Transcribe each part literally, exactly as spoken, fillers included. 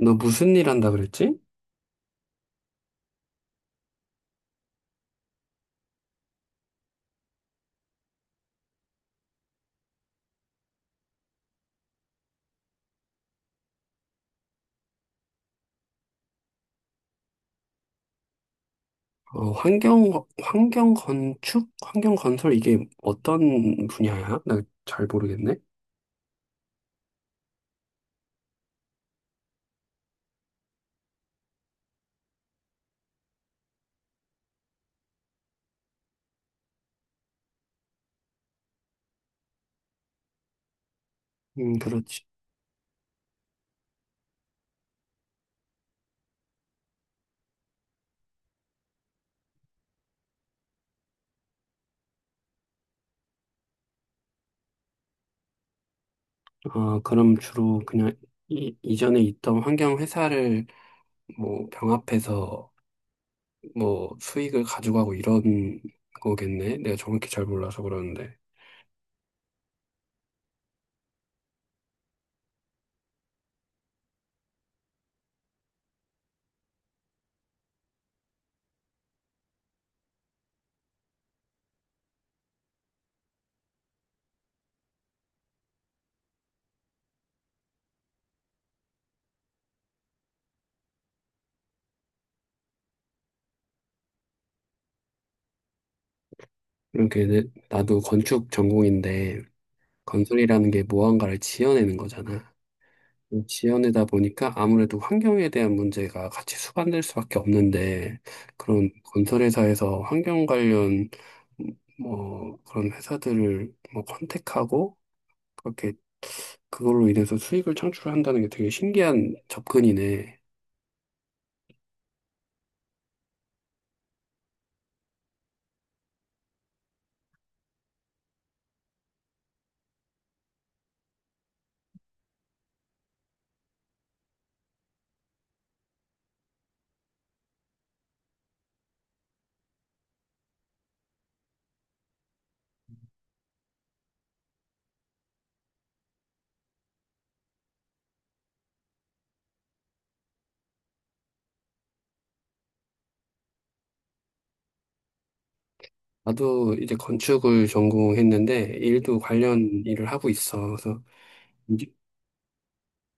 너 무슨 일 한다 그랬지? 어, 환경, 환경 건축? 환경 건설 이게 어떤 분야야? 나 잘 모르겠네. 음, 그렇지. 아, 그럼 주로 그냥 이, 이전에 있던 환경 회사를 뭐 병합해서 뭐 수익을 가져가고 이런 거겠네. 내가 정확히 잘 몰라서 그러는데. 이렇게 내- 나도 건축 전공인데 건설이라는 게 무언가를 지어내는 거잖아. 지연이다 보니까 아무래도 환경에 대한 문제가 같이 수반될 수밖에 없는데 그런 건설회사에서 환경 관련 뭐 그런 회사들을 뭐 컨택하고 그렇게 그걸로 인해서 수익을 창출한다는 게 되게 신기한 접근이네. 나도 이제 건축을 전공했는데 일도 관련 일을 하고 있어. 그래서 이제-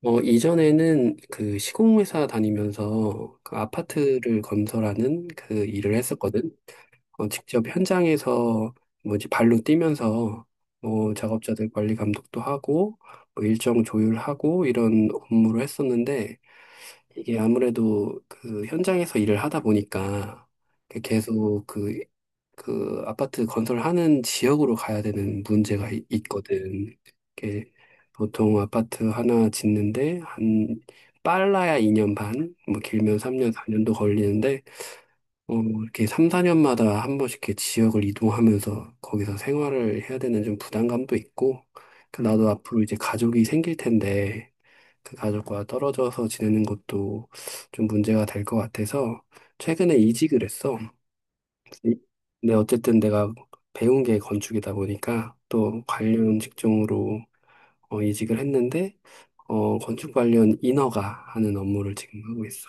어, 이전에는 그 시공회사 다니면서 그 아파트를 건설하는 그 일을 했었거든. 어, 직접 현장에서 뭐지 발로 뛰면서 뭐 작업자들 관리 감독도 하고 뭐 일정 조율하고 이런 업무를 했었는데 이게 아무래도 그 현장에서 일을 하다 보니까 그 계속 그, 그 아파트 건설하는 지역으로 가야 되는 문제가 이- 있거든. 이게 보통 아파트 하나 짓는데 한 빨라야 이 년 반, 뭐 길면 삼 년, 사 년도 걸리는데 어, 이렇게 삼, 사 년마다 한 번씩 이렇게 지역을 이동하면서 거기서 생활을 해야 되는 좀 부담감도 있고, 그 나도 음, 앞으로 이제 가족이 생길 텐데, 그 가족과 떨어져서 지내는 것도 좀 문제가 될 것 같아서, 최근에 이직을 했어. 이- 근데 어쨌든 내가 배운 게 건축이다 보니까, 또 관련 직종으로 어, 이직을 했는데, 어, 건축 관련 인허가 하는 업무를 지금 하고 있어.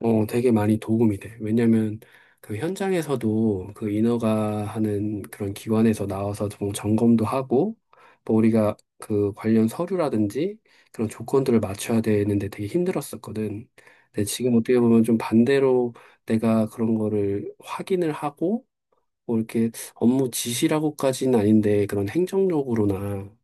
어, 되게 많이 도움이 돼. 왜냐면 그 현장에서도 그 인허가 하는 그런 기관에서 나와서 좀 점검도 하고, 뭐 우리가 그 관련 서류라든지 그런 조건들을 맞춰야 되는데 되게 힘들었었거든. 근데 지금 어떻게 보면 좀 반대로 내가 그런 거를 확인을 하고, 뭐 이렇게 업무 지시라고까지는 아닌데 그런 행정적으로나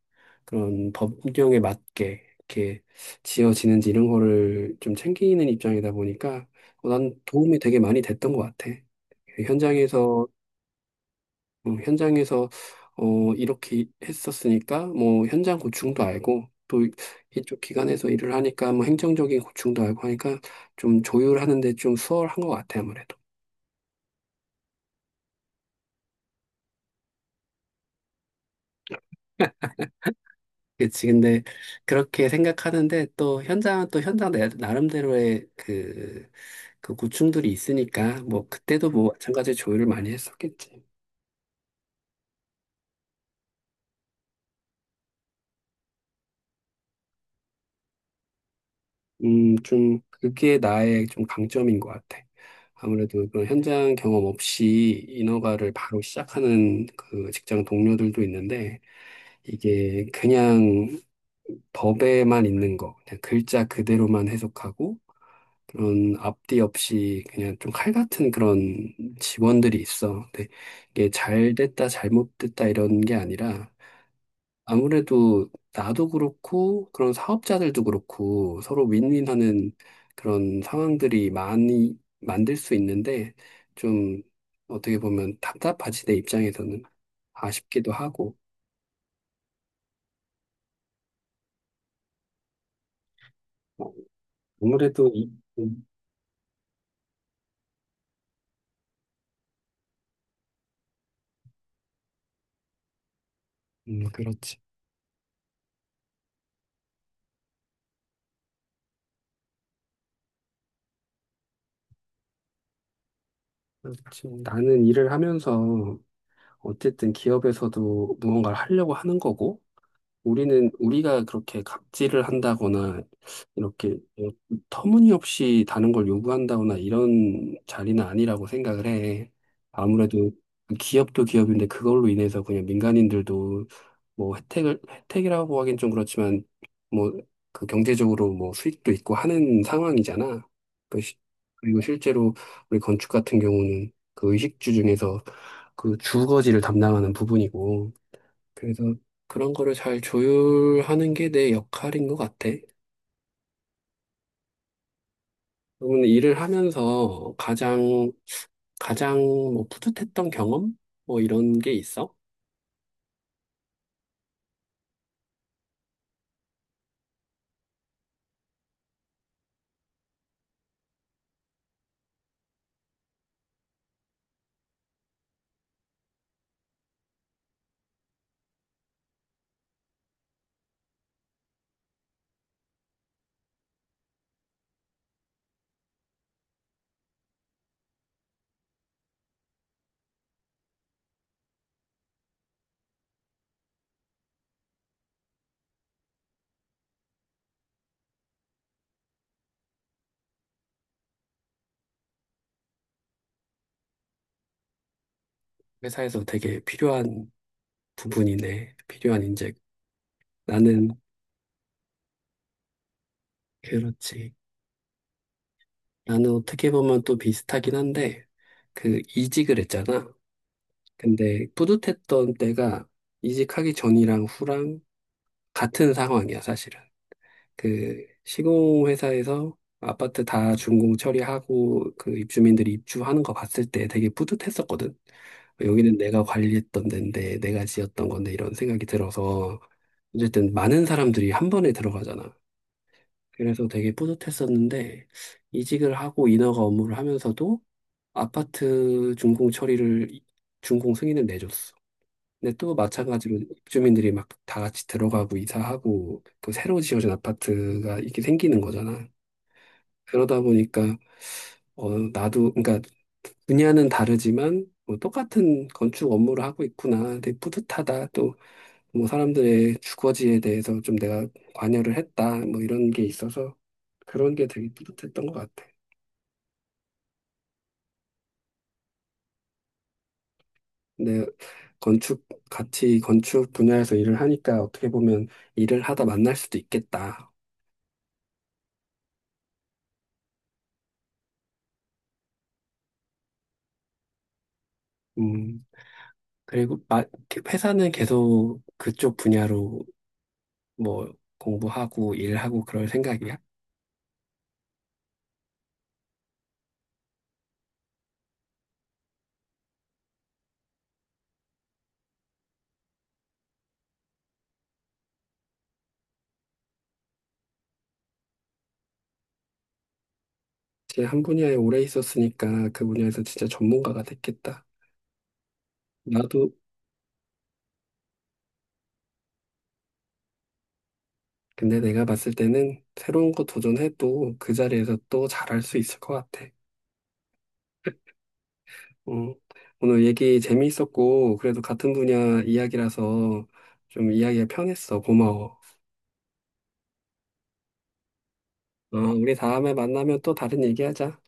그런 법령에 맞게 이렇게 지어지는지 이런 거를 좀 챙기는 입장이다 보니까 어, 난 도움이 되게 많이 됐던 것 같아. 현장에서 어, 현장에서 어 이렇게 했었으니까 뭐 현장 고충도 알고 또 이쪽 기관에서 일을 하니까 뭐 행정적인 고충도 알고 하니까 좀 조율하는 데 좀 수월한 것 같아 아무래도. 그치. 근데 그렇게 생각하는데 또 현장은 또 현장 내- 나름대로의 그, 그 고충들이 있으니까 뭐 그때도 뭐 마찬가지 조율을 많이 했었겠지. 음, 좀 그게 나의 좀 강점인 것 같아. 아무래도 그런 현장 경험 없이 인허가를 바로 시작하는 그 직장 동료들도 있는데 이게 그냥 법에만 있는 거, 그냥 글자 그대로만 해석하고 그런 앞뒤 없이 그냥 좀 칼 같은 그런 직원들이 있어. 근데 이게 잘 됐다, 잘못됐다 이런 게 아니라 아무래도 나도 그렇고 그런 사업자들도 그렇고 서로 윈윈하는 그런 상황들이 많이 만들 수 있는데 좀 어떻게 보면 답답하지 내 입장에서는. 아쉽기도 하고. 어, 아무래도 이- 음, 음, 그렇지. 그렇지. 나는 일을 하면서 어쨌든 기업에서도 무언가를 하려고 하는 거고, 우리는 우리가 그렇게 갑질을 한다거나 이렇게 어, 터무니없이 다른 걸 요구한다거나 이런 자리는 아니라고 생각을 해. 아무래도 그 기업도 기업인데 그걸로 인해서 그냥 민간인들도 뭐 혜택을 혜택이라고 하긴 좀 그렇지만 뭐 그 경제적으로 뭐 수익도 있고 하는 상황이잖아. 그 시- 그리고 실제로 우리 건축 같은 경우는 그 의식주 중에서 그 주거지를 담당하는 부분이고. 그래서 그런 거를 잘 조율하는 게 내 역할인 것 같아. 그러면 일을 하면서 가장, 가장 뭐 뿌듯했던 경험? 뭐 이런 게 있어? 회사에서 되게 필요한 부분이네. 필요한 인재. 나는, 그렇지. 나는 어떻게 보면 또 비슷하긴 한데, 그 이직을 했잖아. 근데 뿌듯했던 때가 이직하기 전이랑 후랑 같은 상황이야, 사실은. 그 시공 회사에서 아파트 다 준공 처리하고 그 입주민들이 입주하는 거 봤을 때 되게 뿌듯했었거든. 여기는 내가 관리했던 데인데 내가 지었던 건데 이런 생각이 들어서 어쨌든 많은 사람들이 한 번에 들어가잖아. 그래서 되게 뿌듯했었는데 이직을 하고 인허가 업무를 하면서도 아파트 준공 처리를 준공 승인을 내줬어. 근데 또 마찬가지로 입주민들이 막 다 같이 들어가고 이사하고 또 새로 지어진 아파트가 이렇게 생기는 거잖아. 그러다 보니까 어 나도 그러니까 분야는 다르지만 뭐 똑같은 건축 업무를 하고 있구나. 되게 뿌듯하다. 또 뭐 사람들의 주거지에 대해서 좀 내가 관여를 했다. 뭐 이런 게 있어서 그런 게 되게 뿌듯했던 것 같아. 근데 건축 같이 건축 분야에서 일을 하니까 어떻게 보면 일을 하다 만날 수도 있겠다. 음. 그리고 마- 회사는 계속 그쪽 분야로 뭐 공부하고 일하고 그럴 생각이야? 제가 한 분야에 오래 있었으니까 그 분야에서 진짜 전문가가 됐겠다. 나도 근데 내가 봤을 때는 새로운 거 도전해도 그 자리에서 또 잘할 수 있을 것 같아. 음, 오늘 얘기 재미있었고 그래도 같은 분야 이야기라서 좀 이야기가 편했어. 고마워. 어, 우리 다음에 만나면 또 다른 얘기하자.